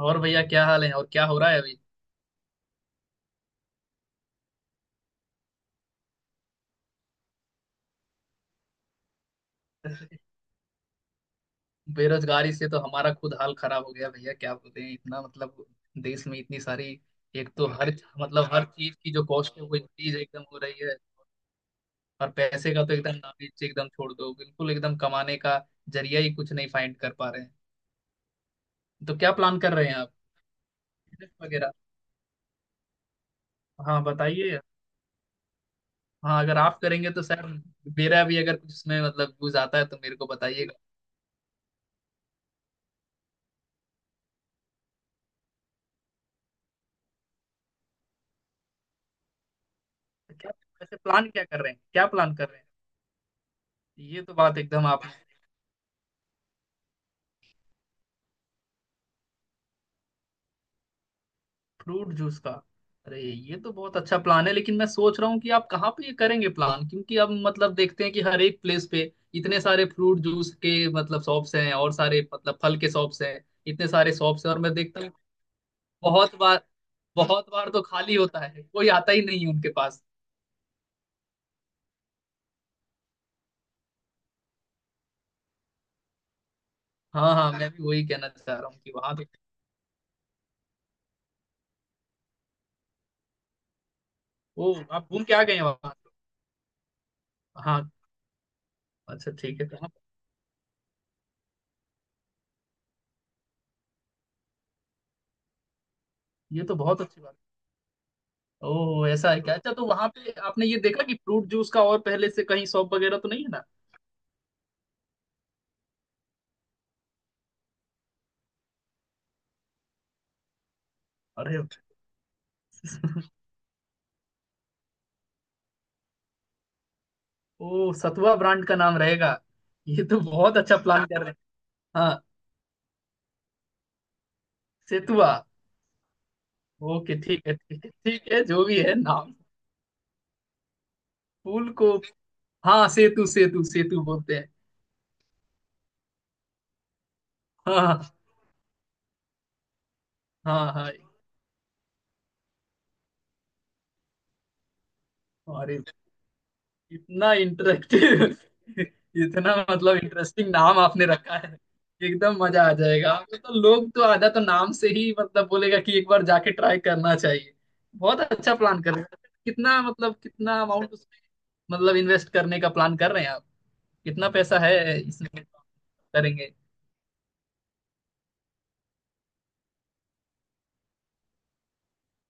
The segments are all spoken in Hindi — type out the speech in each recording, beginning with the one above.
और भैया, क्या हाल है और क्या हो रहा है अभी। बेरोजगारी से तो हमारा खुद हाल खराब हो गया भैया, क्या बोलते हैं इतना, मतलब देश में इतनी सारी। एक तो हर, मतलब हर चीज की जो कॉस्ट है वो इंक्रीज एकदम हो रही है। और पैसे का तो एकदम नाम एकदम छोड़ दो, बिल्कुल एकदम कमाने का जरिया ही कुछ नहीं फाइंड कर पा रहे हैं। तो क्या प्लान कर रहे हैं आप, बिजनेस वगैरह? हाँ, बताइए। हाँ, अगर आप करेंगे तो सर, मेरा भी अगर कुछ इसमें मतलब यूज आता है तो मेरे को बताइएगा। क्या? वैसे प्लान क्या कर रहे हैं, क्या प्लान कर रहे हैं? ये तो बात एकदम, आप। फ्रूट जूस का? अरे, ये तो बहुत अच्छा प्लान है, लेकिन मैं सोच रहा हूँ कि आप कहाँ पे ये करेंगे प्लान, क्योंकि अब मतलब देखते हैं कि हर एक प्लेस पे इतने सारे फ्रूट जूस के मतलब शॉप्स हैं, और सारे मतलब फल के शॉप्स हैं, इतने सारे शॉप्स हैं। और मैं देखता हूँ बहुत बार, बहुत बार तो खाली होता है, कोई आता ही नहीं है उनके पास। हाँ, हाँ, मैं भी वही कहना चाह रहा हूँ कि वहां तो। ओ, आप घूम के आ गए हैं वहां? हाँ, अच्छा ठीक है, तो आप-। ये तो बहुत अच्छी बात है। ओह, ऐसा है क्या? अच्छा, तो वहां पे आपने ये देखा कि फ्रूट जूस का और पहले से कहीं शॉप वगैरह तो नहीं है ना? अरे! ओ, सतुआ ब्रांड का नाम रहेगा। ये तो बहुत अच्छा प्लान कर रहे हैं। हाँ, सेतुआ। ओके, ठीक है ठीक है ठीक है, जो भी है नाम। फूल को? हाँ, सेतु सेतु सेतु बोलते हैं। हाँ, हाँ, हाँ। अरे, इतना इंटरेक्टिव। इतना मतलब इंटरेस्टिंग नाम आपने रखा है। एकदम मजा आ जाएगा। आपको तो लोग तो आधा तो नाम से ही मतलब बोलेगा कि एक बार जाके ट्राई करना चाहिए। बहुत अच्छा प्लान कर रहे हैं। कितना मतलब कितना अमाउंट उसमें मतलब इन्वेस्ट करने का प्लान कर रहे हैं आप, कितना पैसा है इसमें, करेंगे?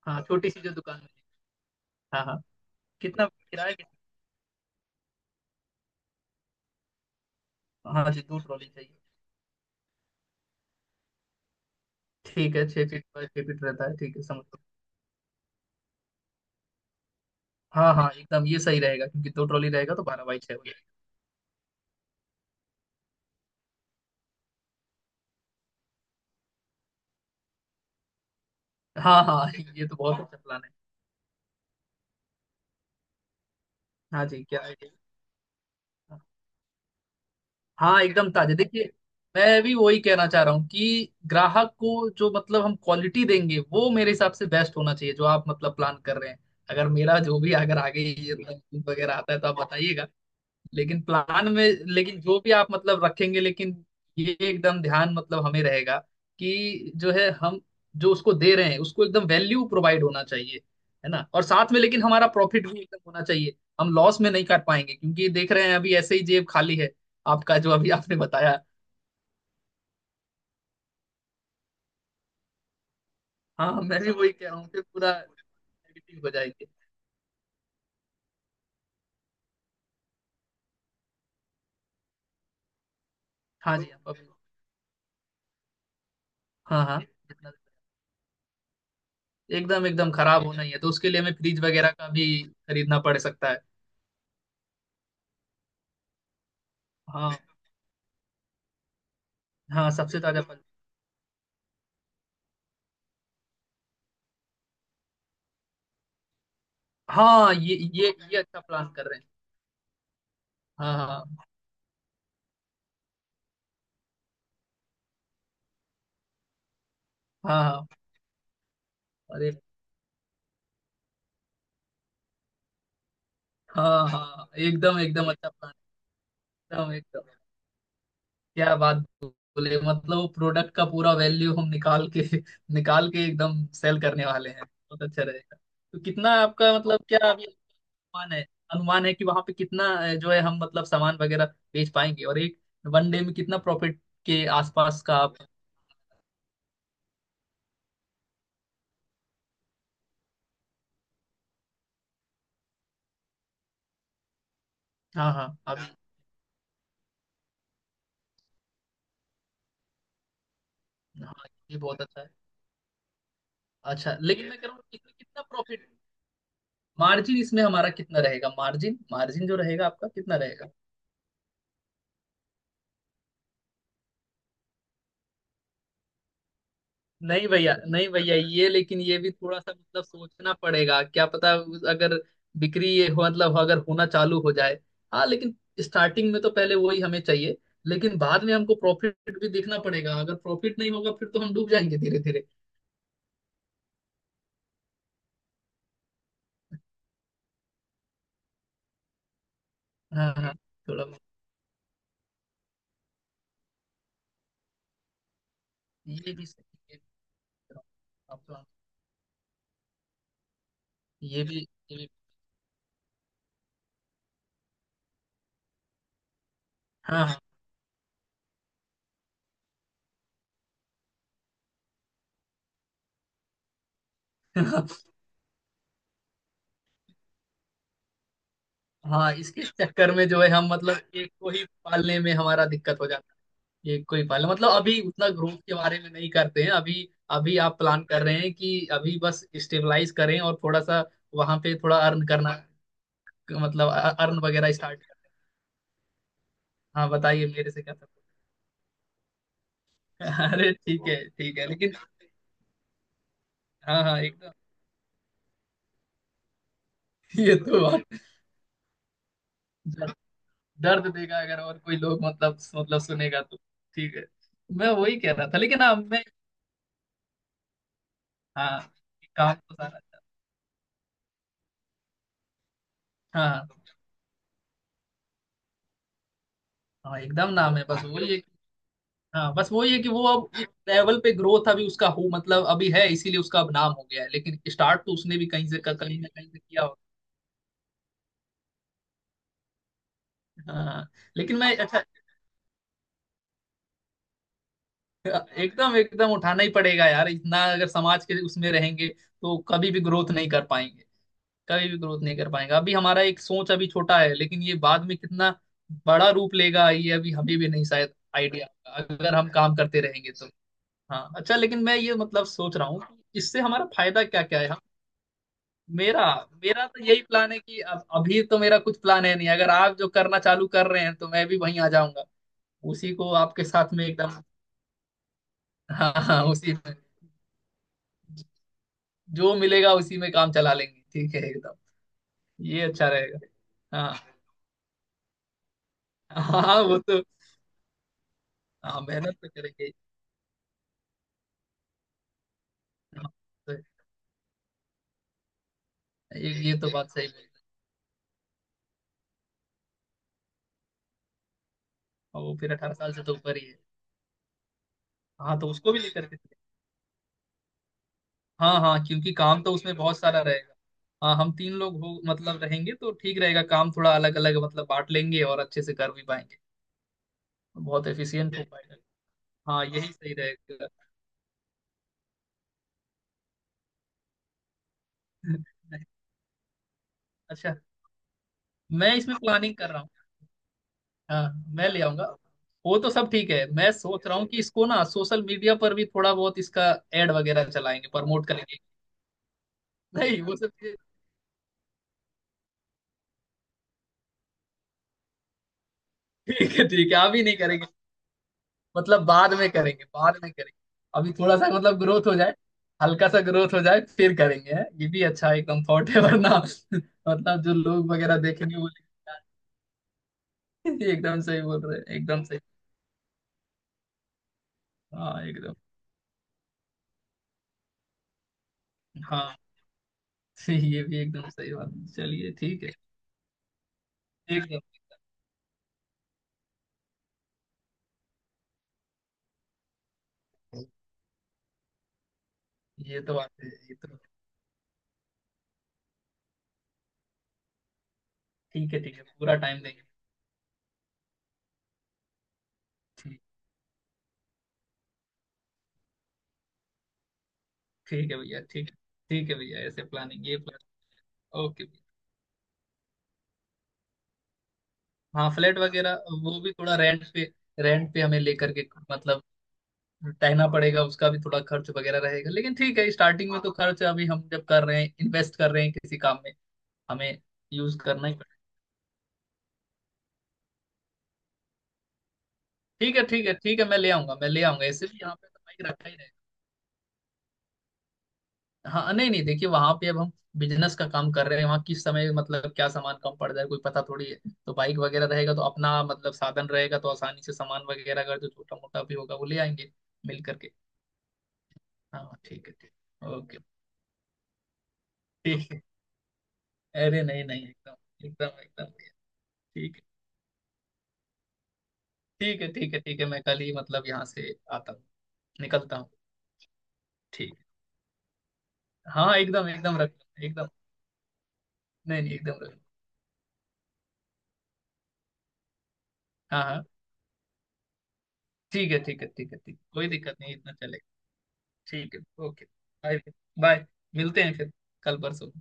हाँ, छोटी सी जो दुकान है। हाँ, हाँ। कितना किराया, कितना? हाँ जी, दो ट्रॉली चाहिए। ठीक है, 6 फीट बाय 6 फीट रहता है, ठीक है समझ लो। हाँ, हाँ, एकदम ये सही रहेगा, क्योंकि दो ट्रॉली रहेगा तो 12 बाई 6। हाँ, हाँ ये तो बहुत अच्छा प्लान है। हाँ जी, क्या आइडिया? हाँ, एकदम ताजे देखिए। मैं भी वही कहना चाह रहा हूँ कि ग्राहक को जो मतलब हम क्वालिटी देंगे वो मेरे हिसाब से बेस्ट होना चाहिए, जो आप मतलब प्लान कर रहे हैं। अगर मेरा जो भी अगर आगे ये मतलब वगैरह आता है तो आप बताइएगा। लेकिन प्लान में, लेकिन जो भी आप मतलब रखेंगे, लेकिन ये एकदम ध्यान मतलब हमें रहेगा कि जो है हम जो उसको दे रहे हैं उसको एकदम वैल्यू प्रोवाइड होना चाहिए, है ना? और साथ में लेकिन हमारा प्रॉफिट भी एकदम होना चाहिए, हम लॉस में नहीं कर पाएंगे, क्योंकि देख रहे हैं अभी ऐसे ही जेब खाली है। आपका जो अभी आपने बताया। हाँ, मैं भी वही कह रहा हूँ, फिर पूरा नेगेटिव हो जाएंगे। हाँ जी, आप अभी। हाँ, हाँ, जितना-। एकदम एकदम खराब होना ही है, तो उसके लिए हमें फ्रिज वगैरह का भी खरीदना पड़ सकता है। हाँ, हाँ, सबसे ताजा फल। हाँ, ये अच्छा प्लान कर रहे हैं। हाँ, हाँ, हाँ, हाँ, अरे, हाँ, हाँ, एकदम एकदम अच्छा प्लान। एकदम एकदम, क्या बात। बोले मतलब प्रोडक्ट का पूरा वैल्यू हम निकाल के निकाल के एकदम सेल करने वाले हैं, बहुत अच्छा रहेगा। तो कितना आपका मतलब क्या अभी अनुमान है? अनुमान है कि वहां पे कितना, जो है हम मतलब सामान वगैरह बेच पाएंगे, और एक वन डे में कितना प्रॉफिट के आसपास का आप? हाँ, हाँ, आप। हाँ, ये बहुत अच्छा है। अच्छा, लेकिन मैं कह रहा हूँ कितना कितना प्रॉफिट मार्जिन इसमें हमारा कितना रहेगा, मार्जिन, मार्जिन जो रहेगा आपका कितना रहेगा? नहीं भैया, नहीं भैया, ये लेकिन ये भी थोड़ा सा मतलब सोचना पड़ेगा, क्या पता उस- अगर बिक्री ये हो मतलब अगर होना चालू हो जाए। हाँ, लेकिन स्टार्टिंग में तो पहले वही हमें चाहिए, लेकिन बाद में हमको प्रॉफिट भी देखना पड़ेगा। अगर प्रॉफिट नहीं होगा फिर तो हम डूब जाएंगे धीरे धीरे। हाँ, हाँ, थोड़ा। ये भी सही है। आप तो-। ये भी, ये भी। हाँ, हाँ हाँ, इसके चक्कर में जो है हम मतलब एक को ही पालने में हमारा दिक्कत हो जाता। है एक को ही पालना मतलब अभी उतना ग्रोथ के बारे में नहीं करते हैं अभी। अभी आप प्लान कर रहे हैं कि अभी बस स्टेबलाइज करें और थोड़ा सा वहां पे थोड़ा अर्न करना, मतलब अर्न वगैरह स्टार्ट करें। हाँ, बताइए मेरे से क्या था। अरे, ठीक है ठीक है, लेकिन। हाँ, हाँ, एकदम। ये तो बात। दर्द दर्द देगा अगर और कोई लोग मतलब सुनेगा तो। ठीक है, मैं वही कह रहा था, लेकिन। हाँ मैं। हाँ, काम तो सारा। हाँ, हाँ, एकदम नाम है, बस वही है कि-। हाँ बस वही है कि वो अब एक लेवल पे ग्रोथ अभी उसका हो मतलब अभी है, इसीलिए उसका अब नाम हो गया है, लेकिन स्टार्ट तो उसने भी कहीं से कहीं ना कहीं से किया होगा। हाँ, लेकिन मैं। अच्छा, एकदम एकदम उठाना ही पड़ेगा यार, इतना अगर समाज के उसमें रहेंगे तो कभी भी ग्रोथ नहीं कर पाएंगे, कभी भी ग्रोथ नहीं कर पाएंगे। अभी हमारा एक सोच अभी छोटा है, लेकिन ये बाद में कितना बड़ा रूप लेगा ये अभी हमें भी नहीं शायद आइडिया, अगर हम काम करते रहेंगे तो। हाँ, अच्छा, लेकिन मैं ये मतलब सोच रहा हूँ कि इससे हमारा फायदा क्या क्या है, हम। मेरा मेरा तो यही प्लान है कि अब अभी तो मेरा कुछ प्लान है नहीं, अगर आप जो करना चालू कर रहे हैं तो मैं भी वहीं आ जाऊंगा, उसी को आपके साथ में एकदम। हाँ, हाँ, उसी में, जो मिलेगा उसी में काम चला लेंगे, ठीक है एकदम। ये अच्छा रहेगा। हाँ, हाँ, वो तो। हाँ, मेहनत तो करेंगे। हाँ, तो ये तो बात सही है। और वो फिर 18 साल से तो ऊपर ही है। हाँ, तो उसको भी लेकर के। हाँ, हाँ, क्योंकि काम तो उसमें बहुत सारा रहेगा। हाँ, हम तीन लोग हो मतलब रहेंगे तो ठीक रहेगा, काम थोड़ा अलग अलग मतलब बांट लेंगे और अच्छे से कर भी पाएंगे। बहुत एफिशिएंट हो पाएगा। हाँ, यही सही रहेगा। अच्छा, मैं इसमें प्लानिंग कर रहा हूँ। हाँ, मैं ले आऊंगा। वो तो सब ठीक है, मैं सोच रहा हूँ कि इसको ना सोशल मीडिया पर भी थोड़ा बहुत इसका एड वगैरह चलाएंगे, प्रमोट करेंगे। नहीं, वो सब चीजें-। ठीक है ठीक है, आप ही नहीं। मतलब बाद में करेंगे, बाद में करेंगे, अभी थोड़ा सा मतलब ग्रोथ हो जाए, हल्का सा ग्रोथ हो जाए फिर करेंगे, है ये भी अच्छा एकदम थॉट है, वरना मतलब जो लोग वगैरह देखेंगे वो बोलेंगे, एकदम सही बोल रहे हैं, एकदम सही। हाँ, एकदम। हाँ ये भी एकदम सही बात है। चलिए ठीक है, एकदम। ये तो बात है, ये तो। ठीक है ठीक है, पूरा टाइम देंगे। ठीक, ठीक है भैया, ठीक है। ठीक है भैया, ऐसे प्लानिंग, ये प्लान। ओके भैया। हाँ, फ्लैट वगैरह, वो भी थोड़ा रेंट पे। रेंट पे हमें लेकर के मतलब रहना पड़ेगा, उसका भी थोड़ा खर्च वगैरह रहेगा, लेकिन ठीक है, स्टार्टिंग में तो खर्च अभी हम जब कर रहे हैं, इन्वेस्ट कर रहे हैं किसी काम में, हमें यूज करना ही पड़ेगा। ठीक है ठीक है ठीक है, मैं ले आऊंगा, मैं ले आऊंगा, ऐसे भी यहाँ पे तो बाइक रखा ही रहेगा। हाँ, नहीं नहीं देखिए, वहां पे अब हम बिजनेस का काम कर रहे हैं, वहाँ किस समय मतलब क्या सामान कम पड़ जाए कोई पता थोड़ी है, तो बाइक वगैरह रहेगा तो अपना मतलब साधन रहेगा, तो आसानी से सामान वगैरह अगर जो छोटा मोटा भी होगा वो ले आएंगे मिल करके। हाँ, ठीक है, ठीक ओके, ठीक है। अरे नहीं नहीं, एकदम एकदम एकदम ठीक। है ठीक है ठीक है ठीक है, मैं कल ही मतलब यहाँ से आता हूँ, निकलता हूँ। ठीक है। हाँ, एकदम एकदम रख, एकदम। नहीं नहीं, एकदम रख। हाँ, हाँ, ठीक है ठीक है ठीक है, ठीक कोई दिक्कत नहीं, इतना चलेगा। ठीक है ओके। बाय। बाय। मिलते हैं फिर, कल परसों।